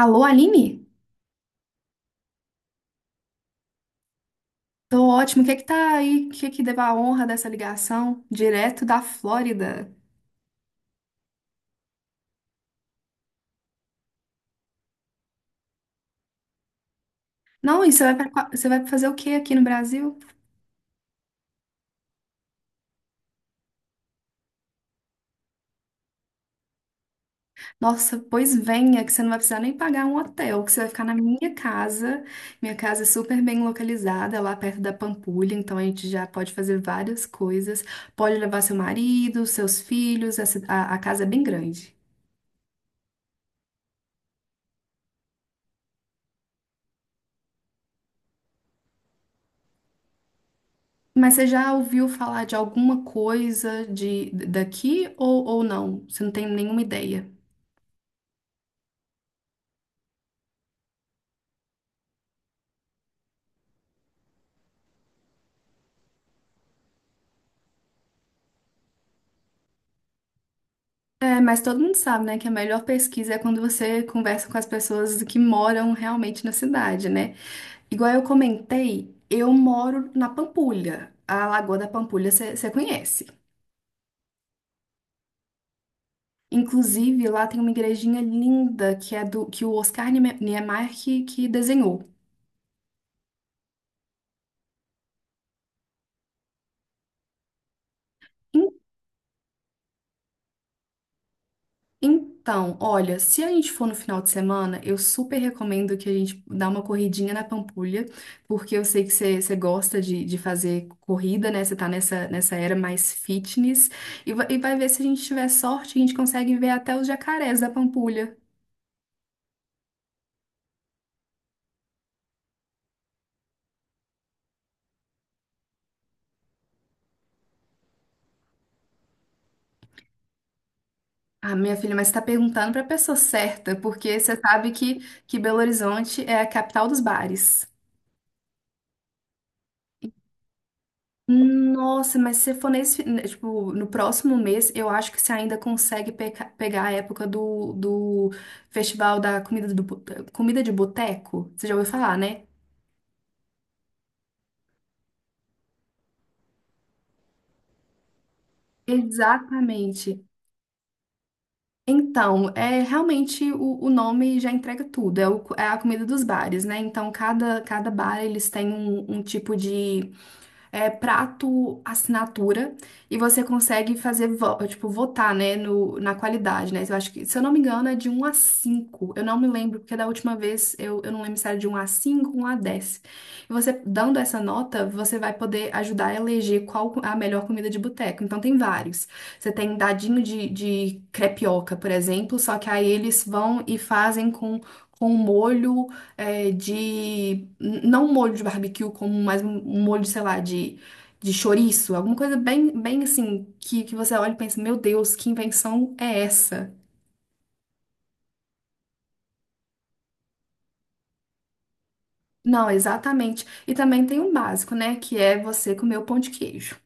Alô, Aline? Tô ótimo. O que é que tá aí? O que é que deu a honra dessa ligação? Direto da Flórida. Não, e você vai, você vai fazer o quê aqui no Brasil? Nossa, pois venha, que você não vai precisar nem pagar um hotel, que você vai ficar na minha casa. Minha casa é super bem localizada, lá perto da Pampulha, então a gente já pode fazer várias coisas. Pode levar seu marido, seus filhos, a, ci- a casa é bem grande. Mas você já ouviu falar de alguma coisa de daqui ou não? Você não tem nenhuma ideia? É, mas todo mundo sabe, né, que a melhor pesquisa é quando você conversa com as pessoas que moram realmente na cidade, né? Igual eu comentei, eu moro na Pampulha, a Lagoa da Pampulha você conhece. Inclusive, lá tem uma igrejinha linda que é do que o Oscar Niemeyer que desenhou. Então, olha, se a gente for no final de semana, eu super recomendo que a gente dá uma corridinha na Pampulha, porque eu sei que você gosta de fazer corrida, né? Você tá nessa era mais fitness. E vai ver se a gente tiver sorte, a gente consegue ver até os jacarés da Pampulha. Ah, minha filha, mas você tá perguntando pra pessoa certa, porque você sabe que Belo Horizonte é a capital dos bares. Nossa, mas se for nesse, né, tipo, no próximo mês, eu acho que você ainda consegue pegar a época do festival da comida, do, bo- comida de boteco. Você já ouviu falar, né? Exatamente. Então, é realmente o nome já entrega tudo. É, é a comida dos bares, né? Então, cada bar eles têm um tipo de prato assinatura e você consegue fazer, tipo, votar, né, no, na qualidade, né? Eu acho que, se eu não me engano, é de um a cinco. Eu não me lembro, porque da última vez eu não lembro se era de um a 5, um a dez. E você, dando essa nota, você vai poder ajudar a eleger qual a melhor comida de boteco. Então, tem vários. Você tem dadinho de crepioca, por exemplo, só que aí eles vão e fazem com molho de. Não um molho de barbecue, como mais um molho, sei lá, de chouriço. Alguma coisa bem assim, que você olha e pensa: meu Deus, que invenção é essa? Não, exatamente. E também tem um básico, né? Que é você comer o pão de queijo.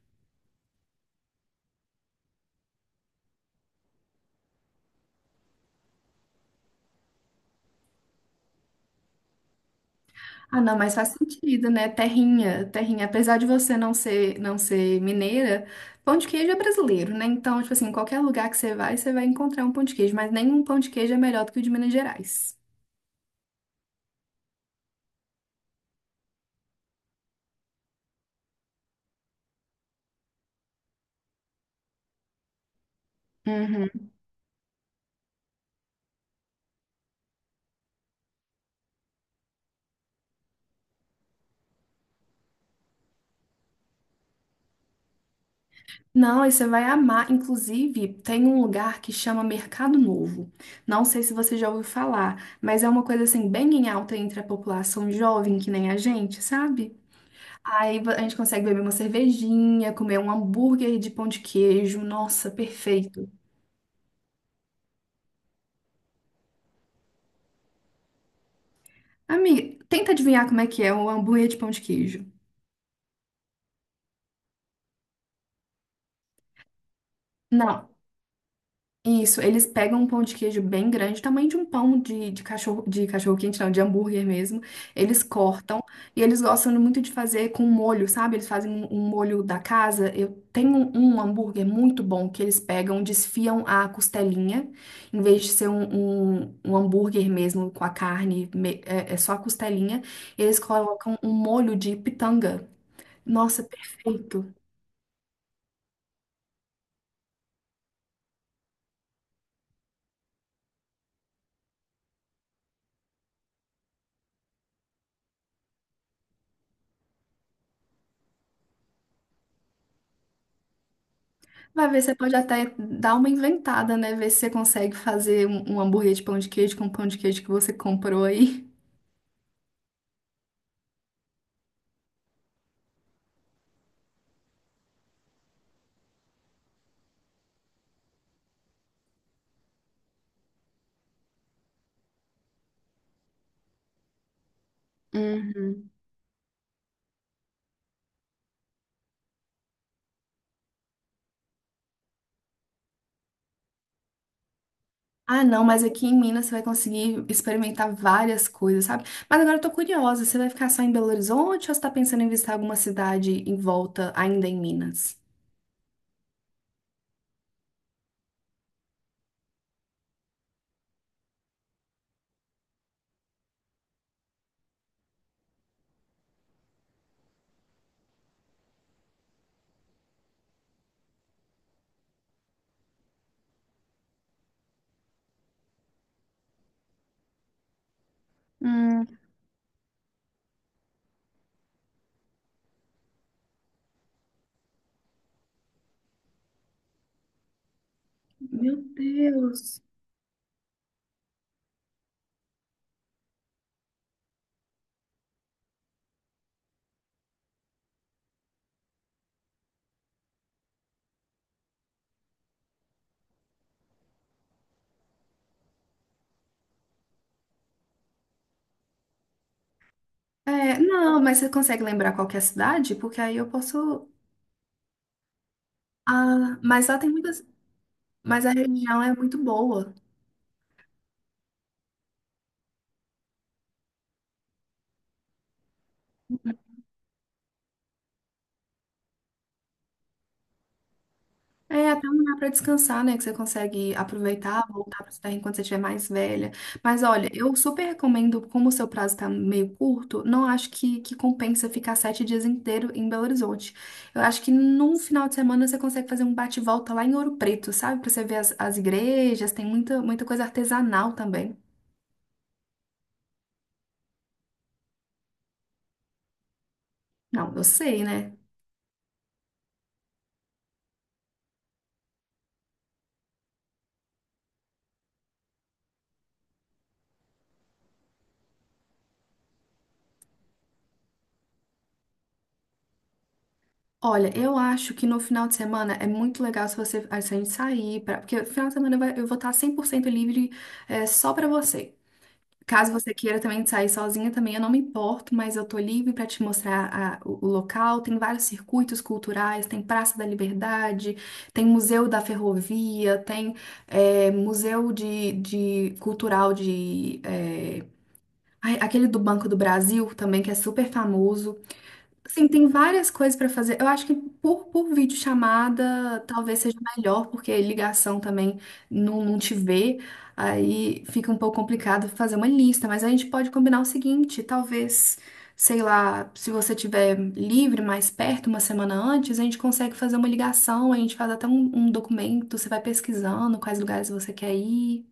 Ah, não, mas faz sentido, né? Terrinha, terrinha. Apesar de você não ser mineira, pão de queijo é brasileiro, né? Então, tipo assim, qualquer lugar que você vai encontrar um pão de queijo, mas nenhum pão de queijo é melhor do que o de Minas Gerais. Uhum. Não, aí você vai amar. Inclusive, tem um lugar que chama Mercado Novo. Não sei se você já ouviu falar, mas é uma coisa assim bem em alta entre a população jovem, que nem a gente, sabe? A gente consegue beber uma cervejinha, comer um hambúrguer de pão de queijo. Nossa, perfeito. Amiga, tenta adivinhar como é que é o hambúrguer de pão de queijo. Não, isso, eles pegam um pão de queijo bem grande, tamanho de um pão de cachorro quente, não, de hambúrguer mesmo. Eles cortam e eles gostam muito de fazer com molho, sabe? Eles fazem um molho da casa. Eu tenho um hambúrguer muito bom que eles pegam, desfiam a costelinha, em vez de ser um hambúrguer mesmo com a carne, é só a costelinha. Eles colocam um molho de pitanga. Nossa, perfeito. Vai ver, você pode até dar uma inventada, né? Ver se você consegue fazer um hambúrguer de pão de queijo com o pão de queijo que você comprou aí. Uhum. Ah, não, mas aqui em Minas você vai conseguir experimentar várias coisas, sabe? Mas agora eu tô curiosa, você vai ficar só em Belo Horizonte ou você tá pensando em visitar alguma cidade em volta ainda em Minas? Hum. Meu Deus. É, não, mas você consegue lembrar qual que é a cidade? Porque aí eu posso. Ah, mas lá tem muitas. Mas a região é muito boa. É até um lugar para descansar, né? Que você consegue aproveitar, voltar para terra enquanto você estiver mais velha. Mas olha, eu super recomendo, como o seu prazo está meio curto, não acho que compensa ficar sete dias inteiro em Belo Horizonte. Eu acho que num final de semana você consegue fazer um bate-volta lá em Ouro Preto, sabe? Para você ver as igrejas, tem muita coisa artesanal também. Não, eu sei, né? Olha, eu acho que no final de semana é muito legal se você, se a gente sair, pra, porque no final de semana eu vou estar 100% livre, só pra você. Caso você queira também sair sozinha, também eu não me importo, mas eu tô livre para te mostrar o local. Tem vários circuitos culturais, tem Praça da Liberdade, tem Museu da Ferrovia, tem Museu de Cultural de ai, aquele do Banco do Brasil também que é super famoso. Sim, tem várias coisas para fazer. Eu acho que por videochamada talvez seja melhor, porque ligação também não te vê, aí fica um pouco complicado fazer uma lista, mas a gente pode combinar o seguinte, talvez, sei lá, se você tiver livre mais perto, uma semana antes, a gente consegue fazer uma ligação, a gente faz até um documento, você vai pesquisando quais lugares você quer ir.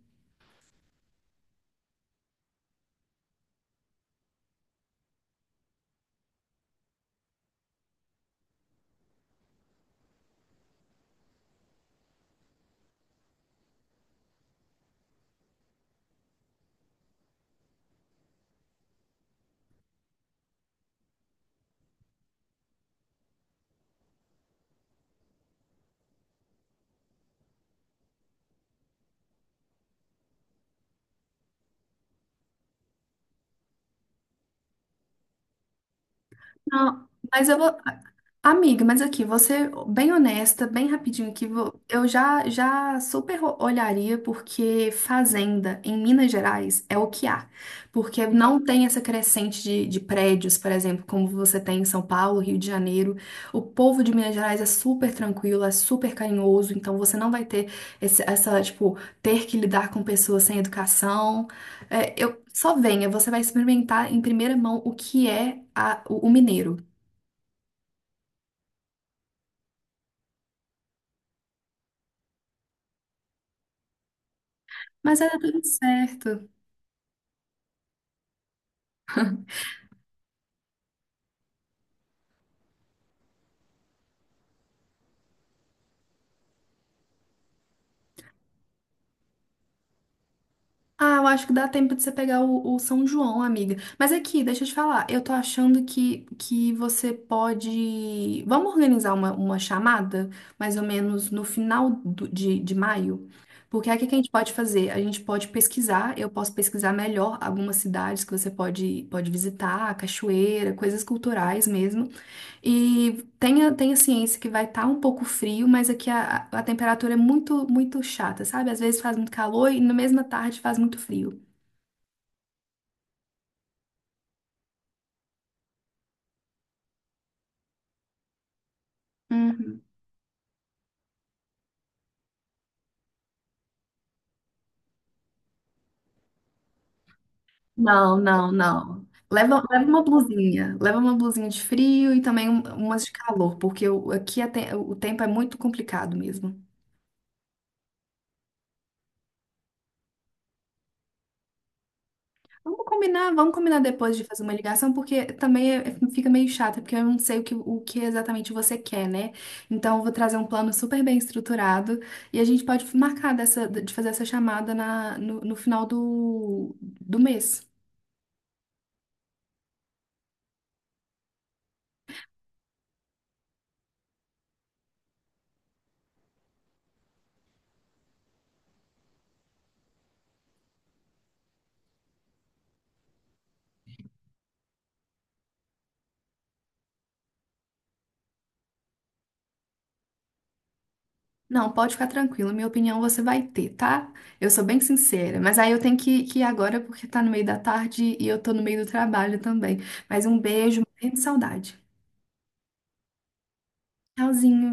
Não, mas eu vou. Amiga, mas aqui, você bem honesta, bem rapidinho aqui, eu já super olharia porque fazenda em Minas Gerais é o que há. Porque não tem essa crescente de prédios, por exemplo, como você tem em São Paulo, Rio de Janeiro. O povo de Minas Gerais é super tranquilo, é super carinhoso, então você não vai ter tipo, ter que lidar com pessoas sem educação. É, eu, só venha, você vai experimentar em primeira mão o que é o mineiro. Mas era tudo certo. Ah, eu acho que dá tempo de você pegar o São João, amiga. Mas aqui, deixa eu te falar, eu tô achando que você pode. Vamos organizar uma chamada, mais ou menos no final de maio? Porque aí o que que a gente pode fazer? A gente pode pesquisar, eu posso pesquisar melhor algumas cidades que você pode visitar, cachoeira, coisas culturais mesmo. E tenha ciência que vai estar um pouco frio, mas aqui a temperatura é muito chata, sabe? Às vezes faz muito calor e na mesma tarde faz muito frio. Uhum. Não. Leva, leva uma blusinha. Leva uma blusinha de frio e também umas de calor, porque aqui o tempo é muito complicado mesmo. Vamos combinar depois de fazer uma ligação, porque também fica meio chato, porque eu não sei o que exatamente você quer, né? Então, eu vou trazer um plano super bem estruturado e a gente pode marcar dessa, de fazer essa chamada na, no, no final do mês. Não, pode ficar tranquilo, minha opinião você vai ter, tá? Eu sou bem sincera, mas aí eu tenho que ir agora porque tá no meio da tarde e eu tô no meio do trabalho também. Mas um beijo, morrendo de saudade. Tchauzinho.